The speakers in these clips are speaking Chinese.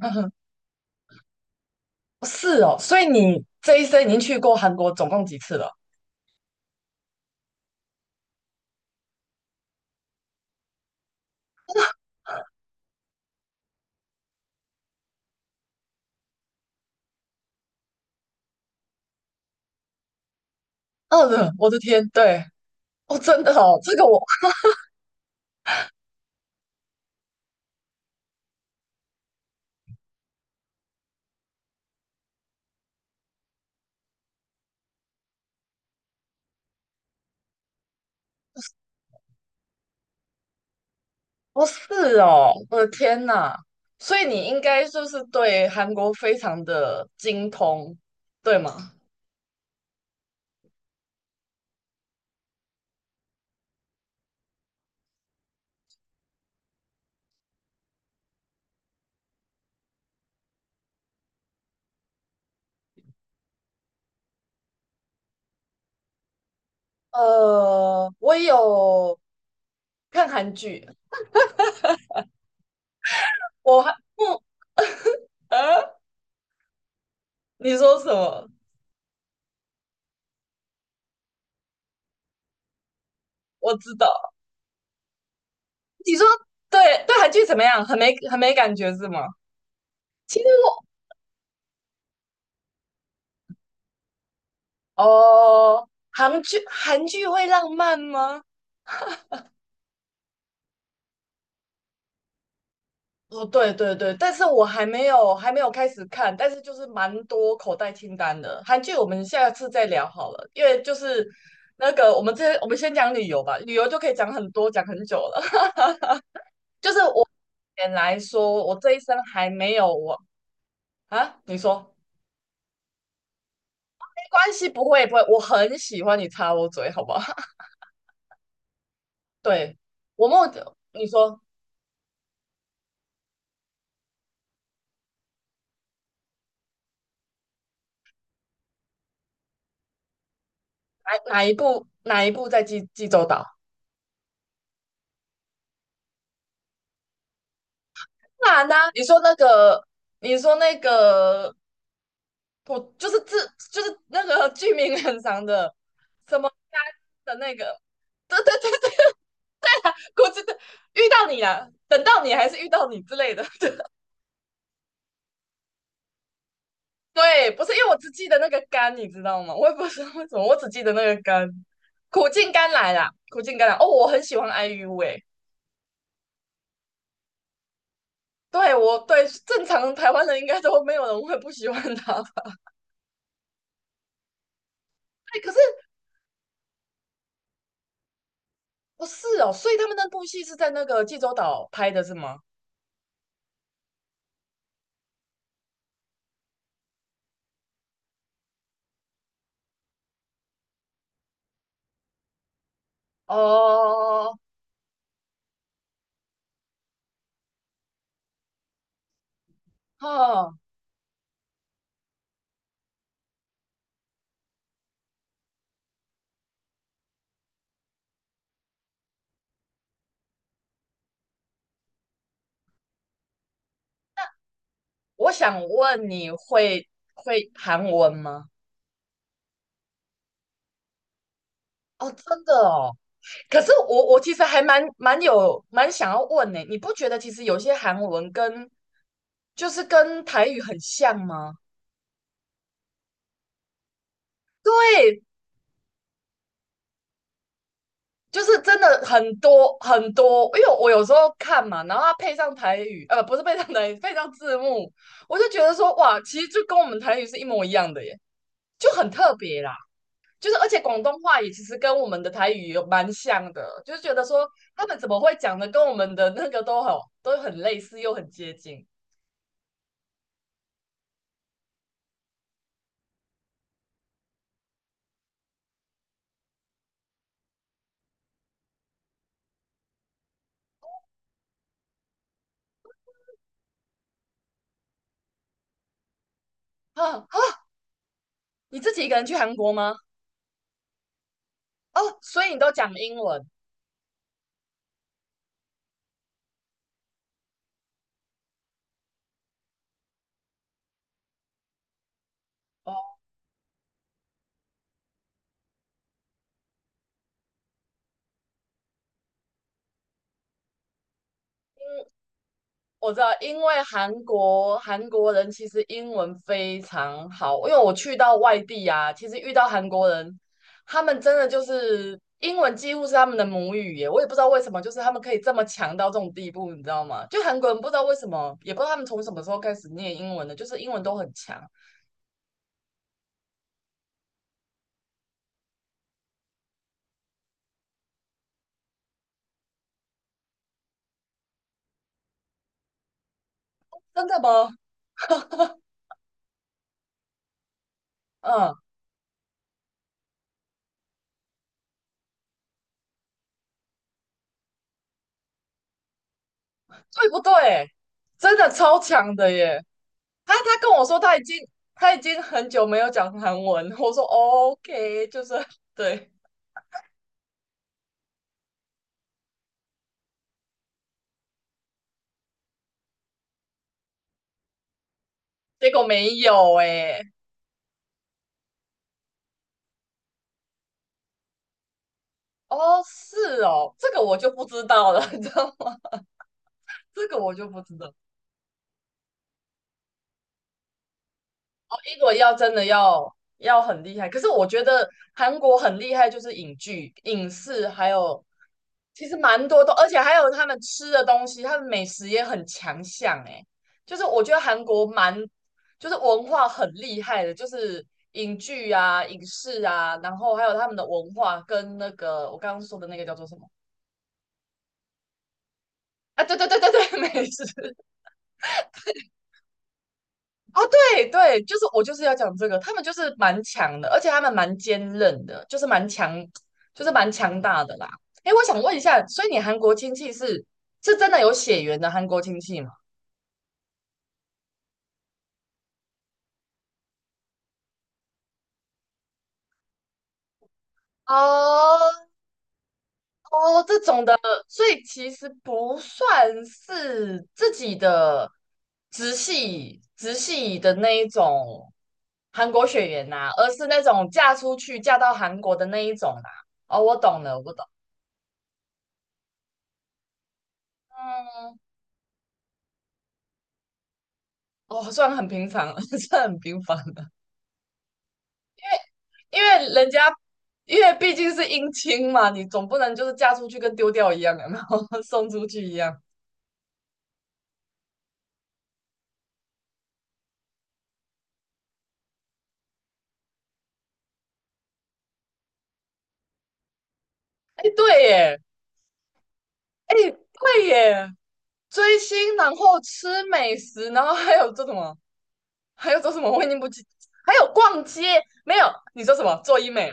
嗯哼。哦，是哦，所以你这一生已经去过韩国总共几次了？二的，我的天，对。哦，真的哦，这个我，哦，是哦，我的天呐，所以你应该就是对韩国非常的精通，对吗？我有看韩剧，我还不，呃，你说什么？我知道，你说，对，对韩剧怎么样？很没感觉是吗？其实我，哦，韩剧会浪漫吗？哦，对对对，但是我还没有开始看，但是就是蛮多口袋清单的韩剧，我们下次再聊好了，因为就是那个我们先讲旅游吧，旅游就可以讲很多，讲很久了。就是我目前来说，我这一生还没有我啊，你说没关系，不会不会，我很喜欢你插我嘴，好不好？对，我目你说哪一部在济州岛？当然啦，你说那个我就是自，就是那个剧名很长的，什么家的那个，对对对对，我真的遇到你啦，等到你还是遇到你之类的。对，不是因为我只记得那个甘，你知道吗？我也不知道为什么，我只记得那个甘，苦尽甘来啦，苦尽甘来。哦，我很喜欢 IU 哎、对，我对正常台湾人应该都没有人会不喜欢他吧。哎，可是不是哦，所以他们那部戏是在那个济州岛拍的是吗？哦，哦，哦哦哦，我想问你会会韩文吗？哦，真的哦。可是我其实还蛮想要问呢，你不觉得其实有些韩文跟就是跟台语很像吗？就是真的很多很多，因为我有时候看嘛，然后它配上台语，不是配上台语，配上字幕，我就觉得说哇，其实就跟我们台语是一模一样的耶，就很特别啦。就是而且广东话也其实跟我们的台语有蛮像的，就是觉得说他们怎么会讲的跟我们的那个都很类似又很接近。啊啊！你自己一个人去韩国吗？哦，所以你都讲英文。哦，我知道，因为韩国人其实英文非常好，因为我去到外地啊，其实遇到韩国人，他们真的就是英文几乎是他们的母语耶，我也不知道为什么，就是他们可以这么强到这种地步，你知道吗？就韩国人不知道为什么，也不知道他们从什么时候开始念英文的，就是英文都很强。真的吗？嗯，对不对？真的超强的耶！他跟我说他已经很久没有讲韩文，我说哦， OK,就是对。结果没有哎、哦，是哦，这个我就不知道了，你知道吗？这个我就不知道。哦，英文要真的要很厉害，可是我觉得韩国很厉害，就是影剧、影视，还有其实蛮多的，而且还有他们吃的东西，他们美食也很强项哎。就是我觉得韩国蛮，就是文化很厉害的，就是影剧啊、影视啊，然后还有他们的文化跟那个我刚刚说的那个叫做什么？啊，对对对对对，美食。对对，就是我就是要讲这个，他们就是蛮强的，而且他们蛮坚韧的，就是蛮强，就是蛮强大的啦。哎，我想问一下，所以你韩国亲戚是是真的有血缘的韩国亲戚吗？哦，哦，这种的，所以其实不算是自己的直系的那一种韩国血缘呐、而是那种嫁出去嫁到韩国的那一种啦、哦，我懂了，我懂，嗯。哦，算很平凡了，算很平凡的，因为人家，因为毕竟是姻亲嘛，你总不能就是嫁出去跟丢掉一样，有没有？送出去一样。哎，对耶，哎，对耶，追星，然后吃美食，然后还有做什么？还有做什么？我已经不记，还有逛街，没有？你说什么？做医美？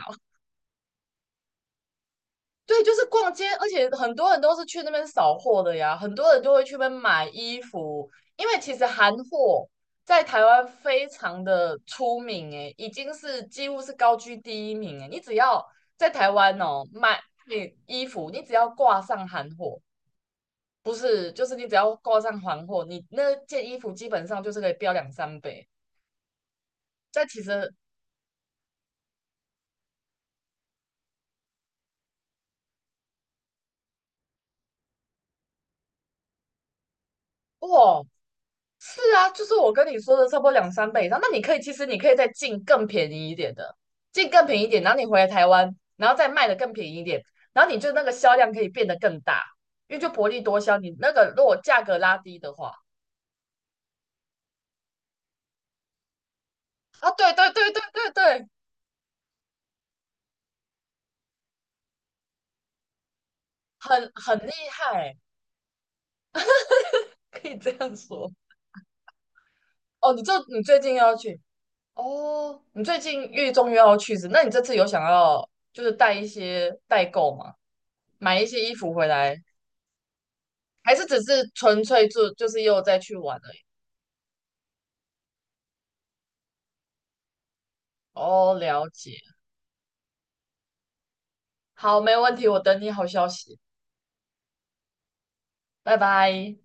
对，就是逛街，而且很多人都是去那边扫货的呀，很多人就会去那边买衣服，因为其实韩货在台湾非常的出名，诶，已经是几乎是高居第一名，诶，你只要在台湾哦买你衣服，你只要挂上韩货，不是，就是你只要挂上韩货，你那件衣服基本上就是可以标两三倍，但其实哇，是啊，就是我跟你说的差不多两三倍以上。那你可以，其实你可以再进更便宜一点的，进更便宜一点，然后你回来台湾，然后再卖的更便宜一点，然后你就那个销量可以变得更大，因为就薄利多销。你那个如果价格拉低的话，啊，对对对对对对，很厉害，可以这样说。哦，你最近又要去哦，你最近月中又要去是？那你这次有想要就是带一些代购吗？买一些衣服回来还是只是纯粹就是又再去玩而已？哦，了解。好，没问题，我等你好消息，拜拜。